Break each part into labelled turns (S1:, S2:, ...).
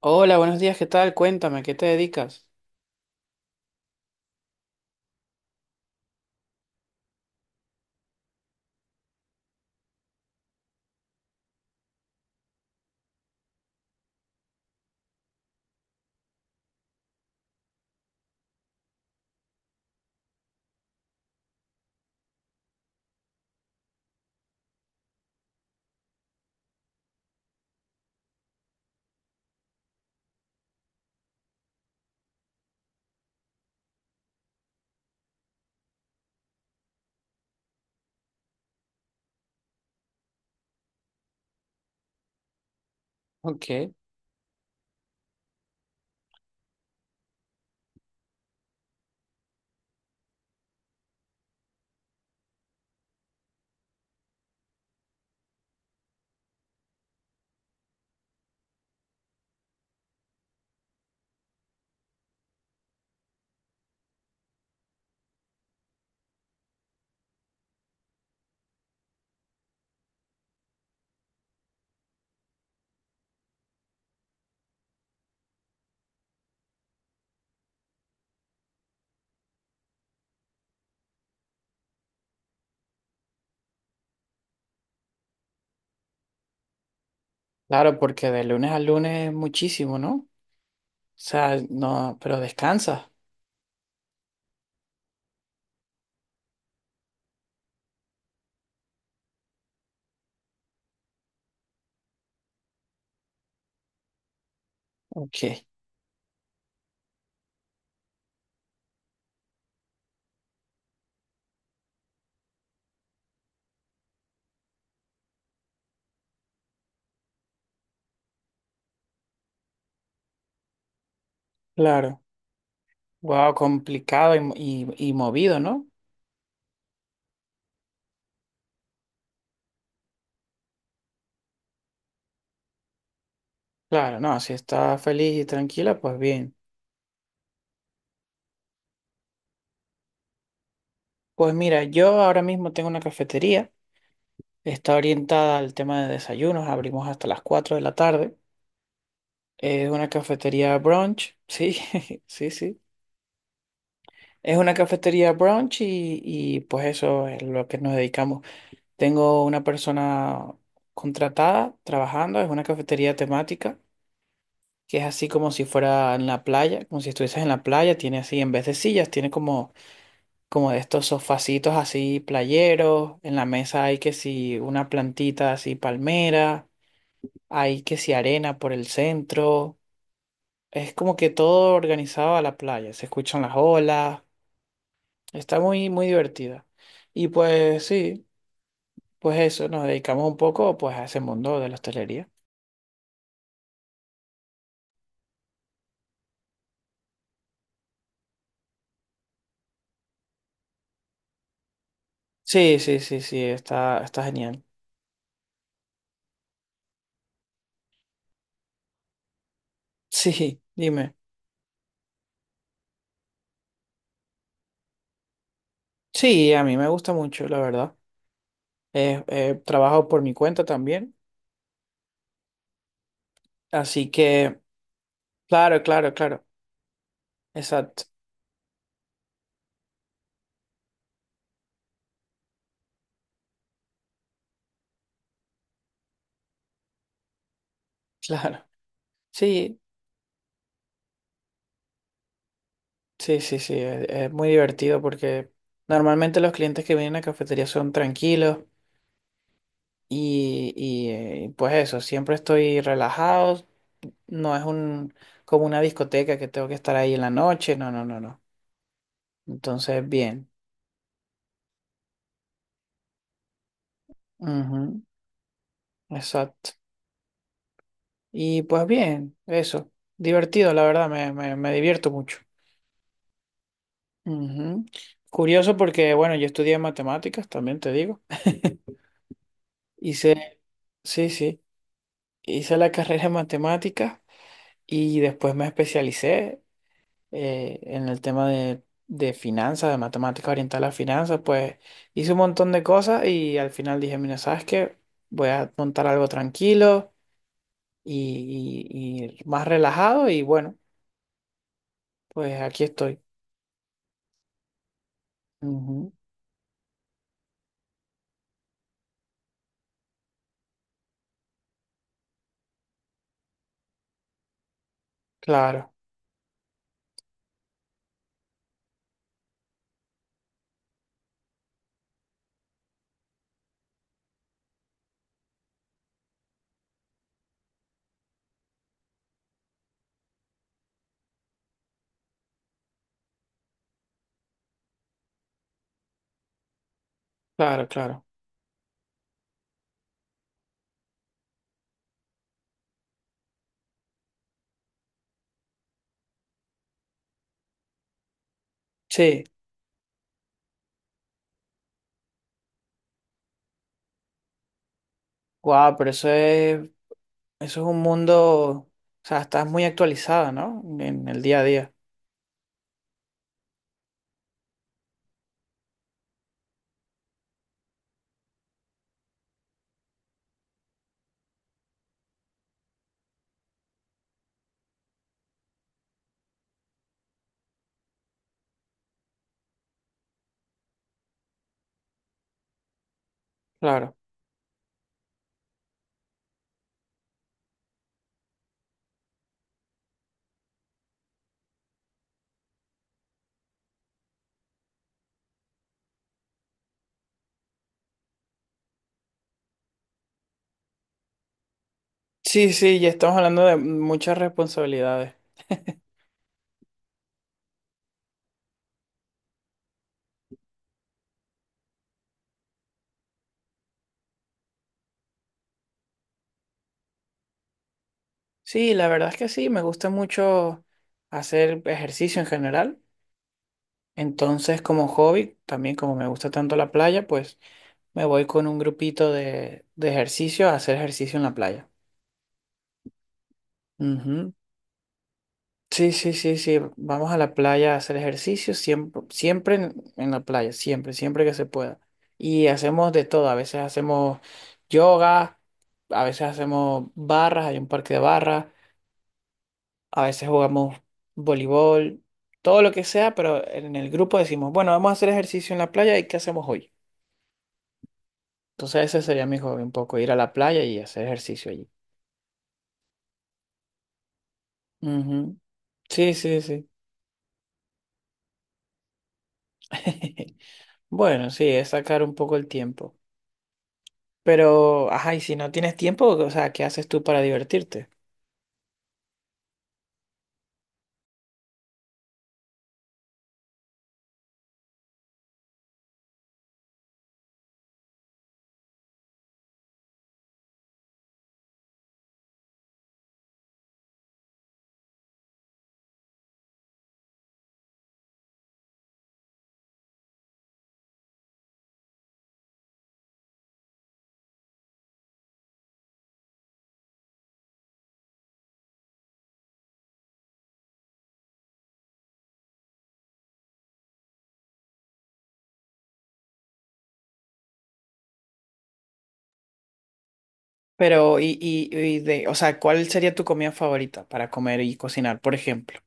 S1: Hola, buenos días, ¿qué tal? Cuéntame, ¿qué te dedicas? Ok, claro, porque de lunes a lunes es muchísimo, ¿no? O sea, no, pero descansas. Ok, claro. Wow, complicado y, y movido, ¿no? Claro, no, si estás feliz y tranquila, pues bien. Pues mira, yo ahora mismo tengo una cafetería, está orientada al tema de desayunos, abrimos hasta las 4 de la tarde. Es una cafetería brunch, sí, sí, sí. Es una cafetería brunch y pues eso es lo que nos dedicamos. Tengo una persona contratada trabajando, es una cafetería temática, que es así como si fuera en la playa, como si estuvieses en la playa, tiene así, en vez de sillas, tiene como, como de estos sofacitos así playeros, en la mesa hay que si una plantita así palmera, hay que si arena por el centro, es como que todo organizado a la playa, se escuchan las olas, está muy, muy divertida. Y pues sí, pues eso, nos dedicamos un poco pues a ese mundo de la hostelería. Sí, sí, sí, sí, está, está genial. Sí, dime. Sí, a mí me gusta mucho, la verdad. Trabajo por mi cuenta también. Así que, claro, claro, claro. Exacto, claro. Sí, sí, sí, sí. Es muy divertido porque normalmente los clientes que vienen a cafetería son tranquilos y, y pues eso, siempre estoy relajado. No es un, como una discoteca que tengo que estar ahí en la noche. No, no, no, no. Entonces, bien. Ujú. Exacto. Y pues bien, eso. Divertido, la verdad, me divierto mucho. Ujú. Curioso porque, bueno, yo estudié matemáticas, también te digo. Hice, sí, sí, hice la carrera en matemáticas y después me especialicé en el tema de finanzas, de matemáticas orientadas a las finanzas. Pues hice un montón de cosas y al final dije, mira, ¿sabes qué? Voy a montar algo tranquilo y más relajado y bueno, pues aquí estoy. Ujú. Claro, claro, claro. Sí, guau, pero eso es un mundo, o sea, estás muy actualizada, ¿no? En el día a día. Claro. Sí, sí, ya estamos hablando de muchas responsabilidades. Sí, la verdad es que sí, me gusta mucho hacer ejercicio en general. Entonces, como hobby, también como me gusta tanto la playa, pues me voy con un grupito de ejercicio a hacer ejercicio en la playa. Ujú. Sí, sí, sí, sí. Vamos a la playa a hacer ejercicio, siempre, siempre en la playa, siempre, siempre que se pueda. Y hacemos de todo, a veces hacemos yoga, a veces hacemos barras, hay un parque de barras, a veces jugamos voleibol, todo lo que sea, pero en el grupo decimos, bueno, vamos a hacer ejercicio en la playa y ¿qué hacemos hoy? Entonces ese sería mi hobby, un poco ir a la playa y hacer ejercicio allí. Ujú. Sí, sí, sí. Bueno, sí, es sacar un poco el tiempo. Pero, ajá, y si no tienes tiempo, o sea, ¿qué haces tú para divertirte? Pero, de, o sea, ¿cuál sería tu comida favorita para comer y cocinar, por ejemplo?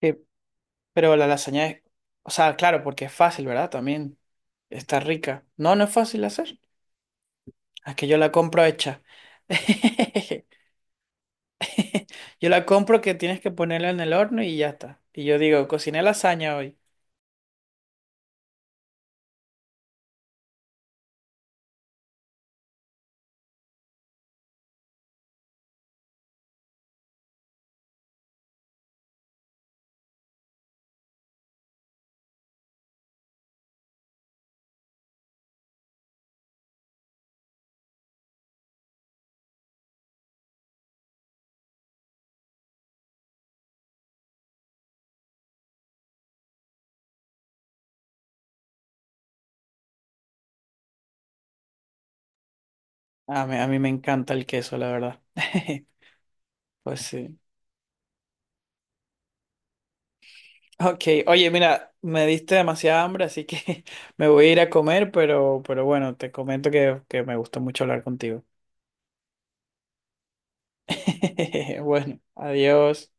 S1: Eh, pero la lasaña es, o sea, claro, porque es fácil, ¿verdad? También está rica. No, no es fácil de hacer. Es que yo la compro hecha. Yo la compro que tienes que ponerla en el horno y ya está. Y yo digo, cociné lasaña hoy. A mí me encanta el queso, la verdad. Pues sí. Ok, oye, mira, me diste demasiada hambre, así que me voy a ir a comer, pero bueno, te comento que me gustó mucho hablar contigo. Bueno, adiós.